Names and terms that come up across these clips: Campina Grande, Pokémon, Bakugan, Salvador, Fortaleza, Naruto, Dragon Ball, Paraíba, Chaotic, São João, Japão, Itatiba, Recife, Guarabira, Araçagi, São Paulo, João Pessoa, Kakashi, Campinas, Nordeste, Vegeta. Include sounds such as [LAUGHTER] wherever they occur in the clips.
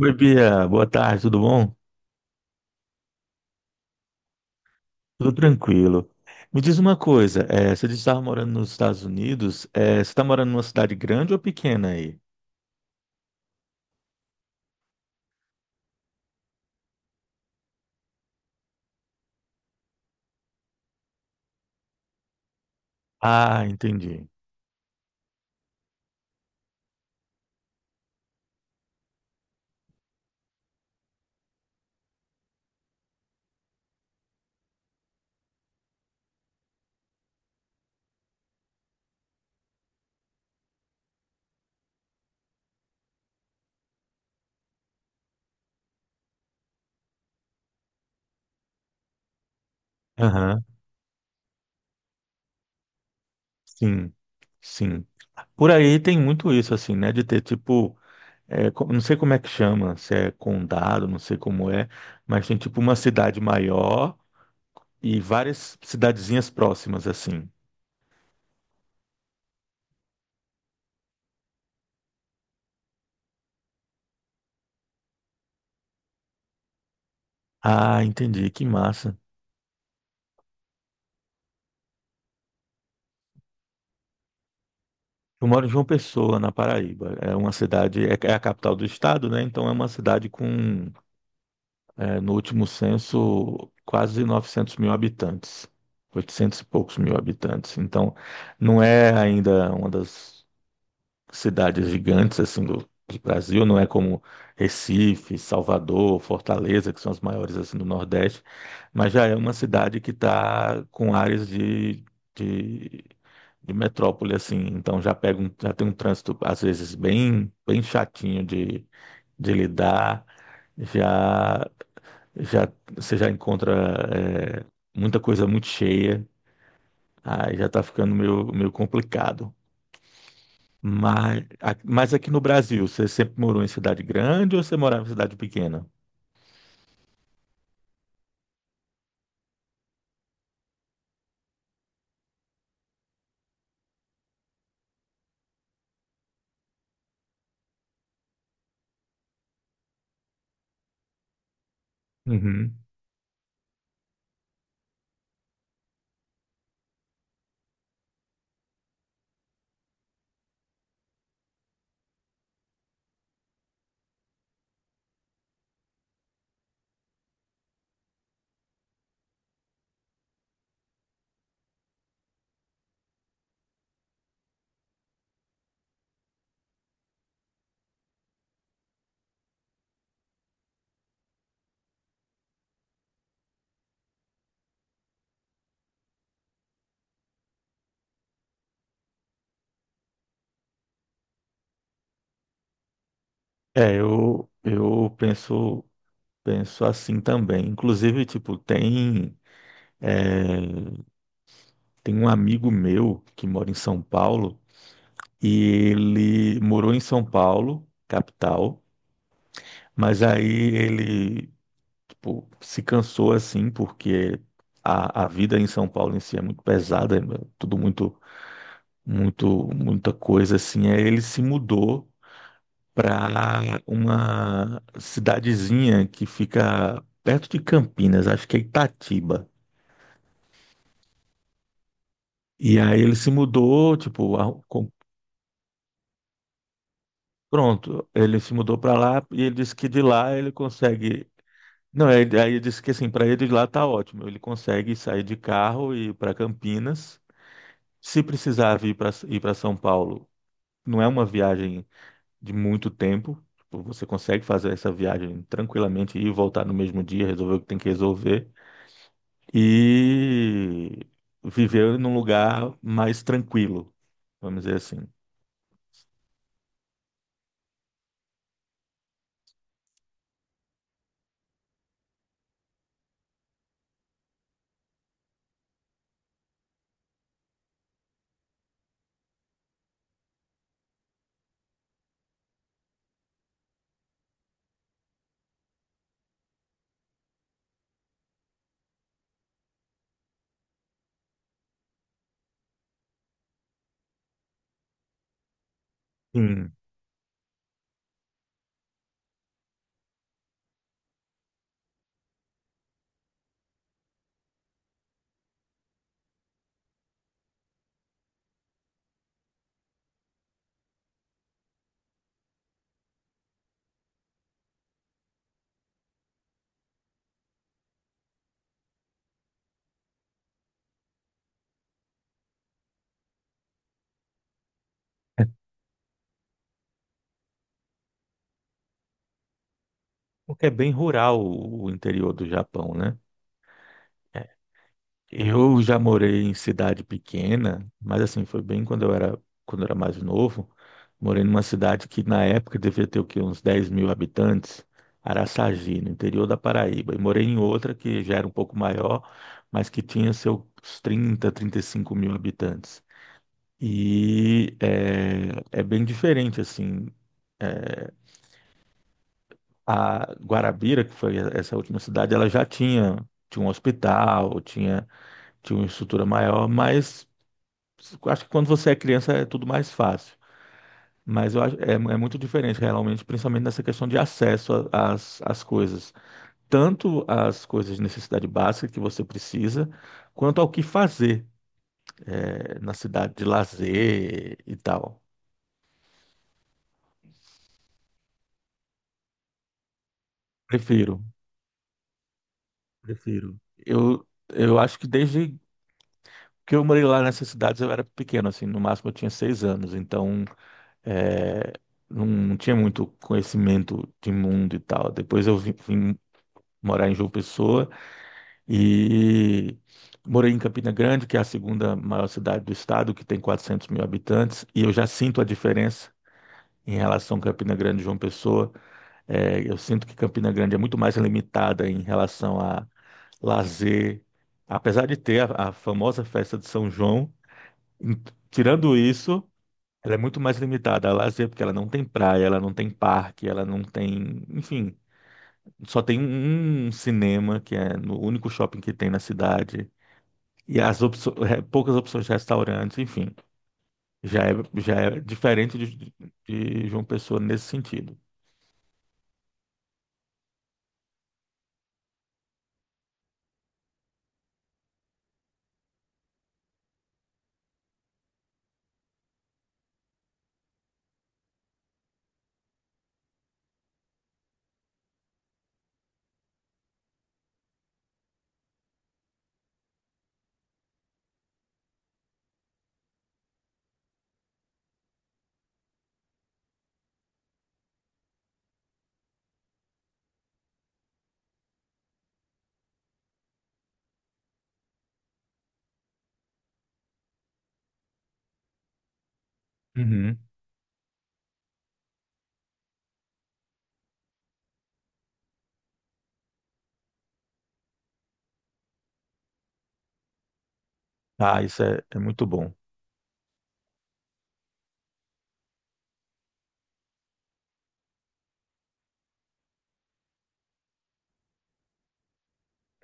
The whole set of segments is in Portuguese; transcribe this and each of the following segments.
Oi, Bia. Boa tarde, tudo bom? Tudo tranquilo. Me diz uma coisa, você disse que estava morando nos Estados Unidos, você está morando numa cidade grande ou pequena aí? Ah, entendi. Aham, sim, sim. Por aí tem muito isso, assim, né? De ter tipo, não sei como é que chama, se é condado, não sei como é, mas tem tipo uma cidade maior e várias cidadezinhas próximas, assim. Ah, entendi, que massa. Eu moro em João Pessoa, na Paraíba. É uma cidade, é a capital do estado, né? Então é uma cidade com, no último censo, quase 900 mil habitantes, 800 e poucos mil habitantes. Então não é ainda uma das cidades gigantes assim do, Brasil, não é como Recife, Salvador, Fortaleza, que são as maiores assim do Nordeste, mas já é uma cidade que está com áreas de, de de metrópole assim, então já tem um trânsito às vezes bem chatinho de lidar, já já você já encontra muita coisa muito cheia, aí já tá ficando meio complicado. Mas aqui no Brasil, você sempre morou em cidade grande ou você morava em cidade pequena? Uhum. É, eu penso, assim também. Inclusive, tipo, eh, Tem um amigo meu que mora em São Paulo e ele morou em São Paulo, capital, mas aí ele, tipo, se cansou assim porque a vida em São Paulo em si é muito pesada, é tudo muito, muita coisa assim. Aí ele se mudou para uma cidadezinha que fica perto de Campinas, acho que é Itatiba. E aí ele se mudou, tipo, pronto, ele se mudou para lá e ele disse que de lá ele consegue. Não, aí ele disse que assim, para ele de lá tá ótimo. Ele consegue sair de carro e ir para Campinas. Se precisar vir para ir para São Paulo, não é uma viagem de muito tempo. Tipo, você consegue fazer essa viagem tranquilamente, ir e voltar no mesmo dia, resolver o que tem que resolver e viver num lugar mais tranquilo, vamos dizer assim. Sim. Porque é bem rural o interior do Japão, né? Eu já morei em cidade pequena, mas assim, foi bem quando eu era mais novo. Morei numa cidade que na época devia ter o quê? Uns 10 mil habitantes, Araçagi, no interior da Paraíba. E morei em outra que já era um pouco maior, mas que tinha seus trinta, 35 mil habitantes. E é bem diferente, assim. eh, A Guarabira, que foi essa última cidade, ela já tinha, tinha uma estrutura maior, mas acho que quando você é criança é tudo mais fácil, mas eu acho, é muito diferente realmente, principalmente nessa questão de acesso às coisas, tanto às coisas de necessidade básica que você precisa, quanto ao que fazer é, na cidade de lazer e tal. Prefiro, prefiro. Eu acho que desde que eu morei lá nessas cidades eu era pequeno, assim, no máximo eu tinha 6 anos, então é, não tinha muito conhecimento de mundo e tal. Depois eu vim morar em João Pessoa. E morei em Campina Grande, que é a segunda maior cidade do estado, que tem 400 mil habitantes, e eu já sinto a diferença em relação a Campina Grande e João Pessoa. É, eu sinto que Campina Grande é muito mais limitada em relação a lazer, apesar de ter a famosa festa de São João, em- tirando isso. Ela é muito mais limitada a lazer, porque ela não tem praia, ela não tem parque, ela não tem, enfim, só tem um cinema, que é no único shopping que tem na cidade. E poucas opções de restaurantes, enfim, já é, já é diferente de, João Pessoa nesse sentido. Uhum. Ah, isso é muito bom.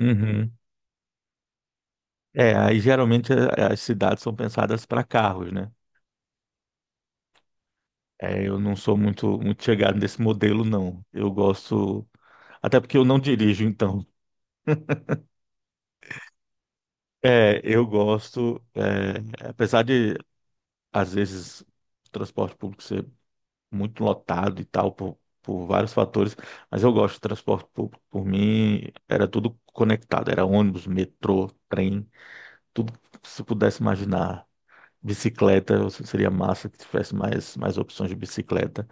Uhum. É, aí geralmente as cidades são pensadas para carros, né? É, eu não sou muito, muito chegado nesse modelo, não. Eu gosto, até porque eu não dirijo, então. [LAUGHS] É, eu gosto, apesar de, às vezes, o transporte público ser muito lotado e tal, por vários fatores, mas eu gosto do transporte público. Por mim, era tudo conectado, era ônibus, metrô, trem, tudo que se pudesse imaginar. Bicicleta, seria massa que tivesse mais, opções de bicicleta.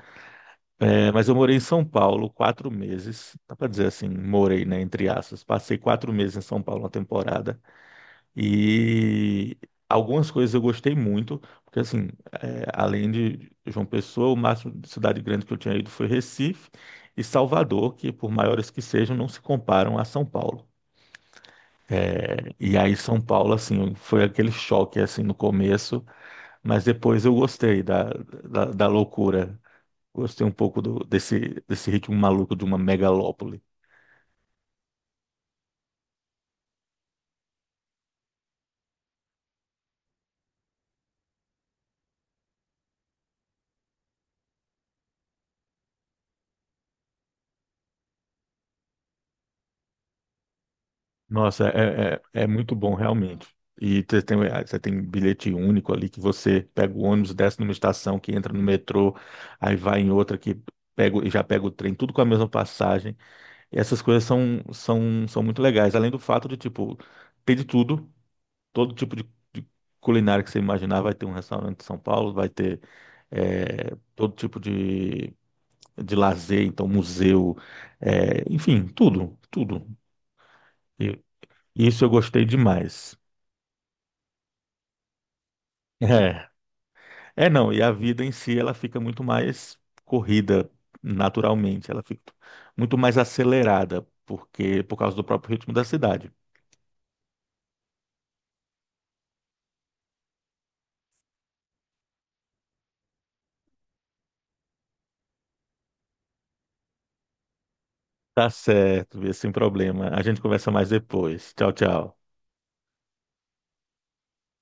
É, mas eu morei em São Paulo 4 meses, dá para dizer assim, morei, né, entre aspas. Passei 4 meses em São Paulo, uma temporada. E algumas coisas eu gostei muito, porque assim, é, além de João Pessoa, o máximo de cidade grande que eu tinha ido foi Recife e Salvador, que por maiores que sejam, não se comparam a São Paulo. É, e aí São Paulo, assim, foi aquele choque assim no começo, mas depois eu gostei da, loucura. Gostei um pouco desse ritmo maluco de uma megalópole. Nossa, é muito bom, realmente. E você tem bilhete único ali, que você pega o ônibus, desce numa estação, que entra no metrô, aí vai em outra que pega, e já pega o trem, tudo com a mesma passagem. E essas coisas são muito legais. Além do fato de, tipo, ter de tudo, todo tipo de, de culinária que você imaginar, vai ter um restaurante em São Paulo, vai ter todo tipo de, lazer, então museu, enfim, tudo, tudo. E isso eu gostei demais. É, é, não, e a vida em si ela fica muito mais corrida naturalmente, ela fica muito mais acelerada porque por causa do próprio ritmo da cidade. Tá certo, Bia, sem problema. A gente conversa mais depois. Tchau, tchau.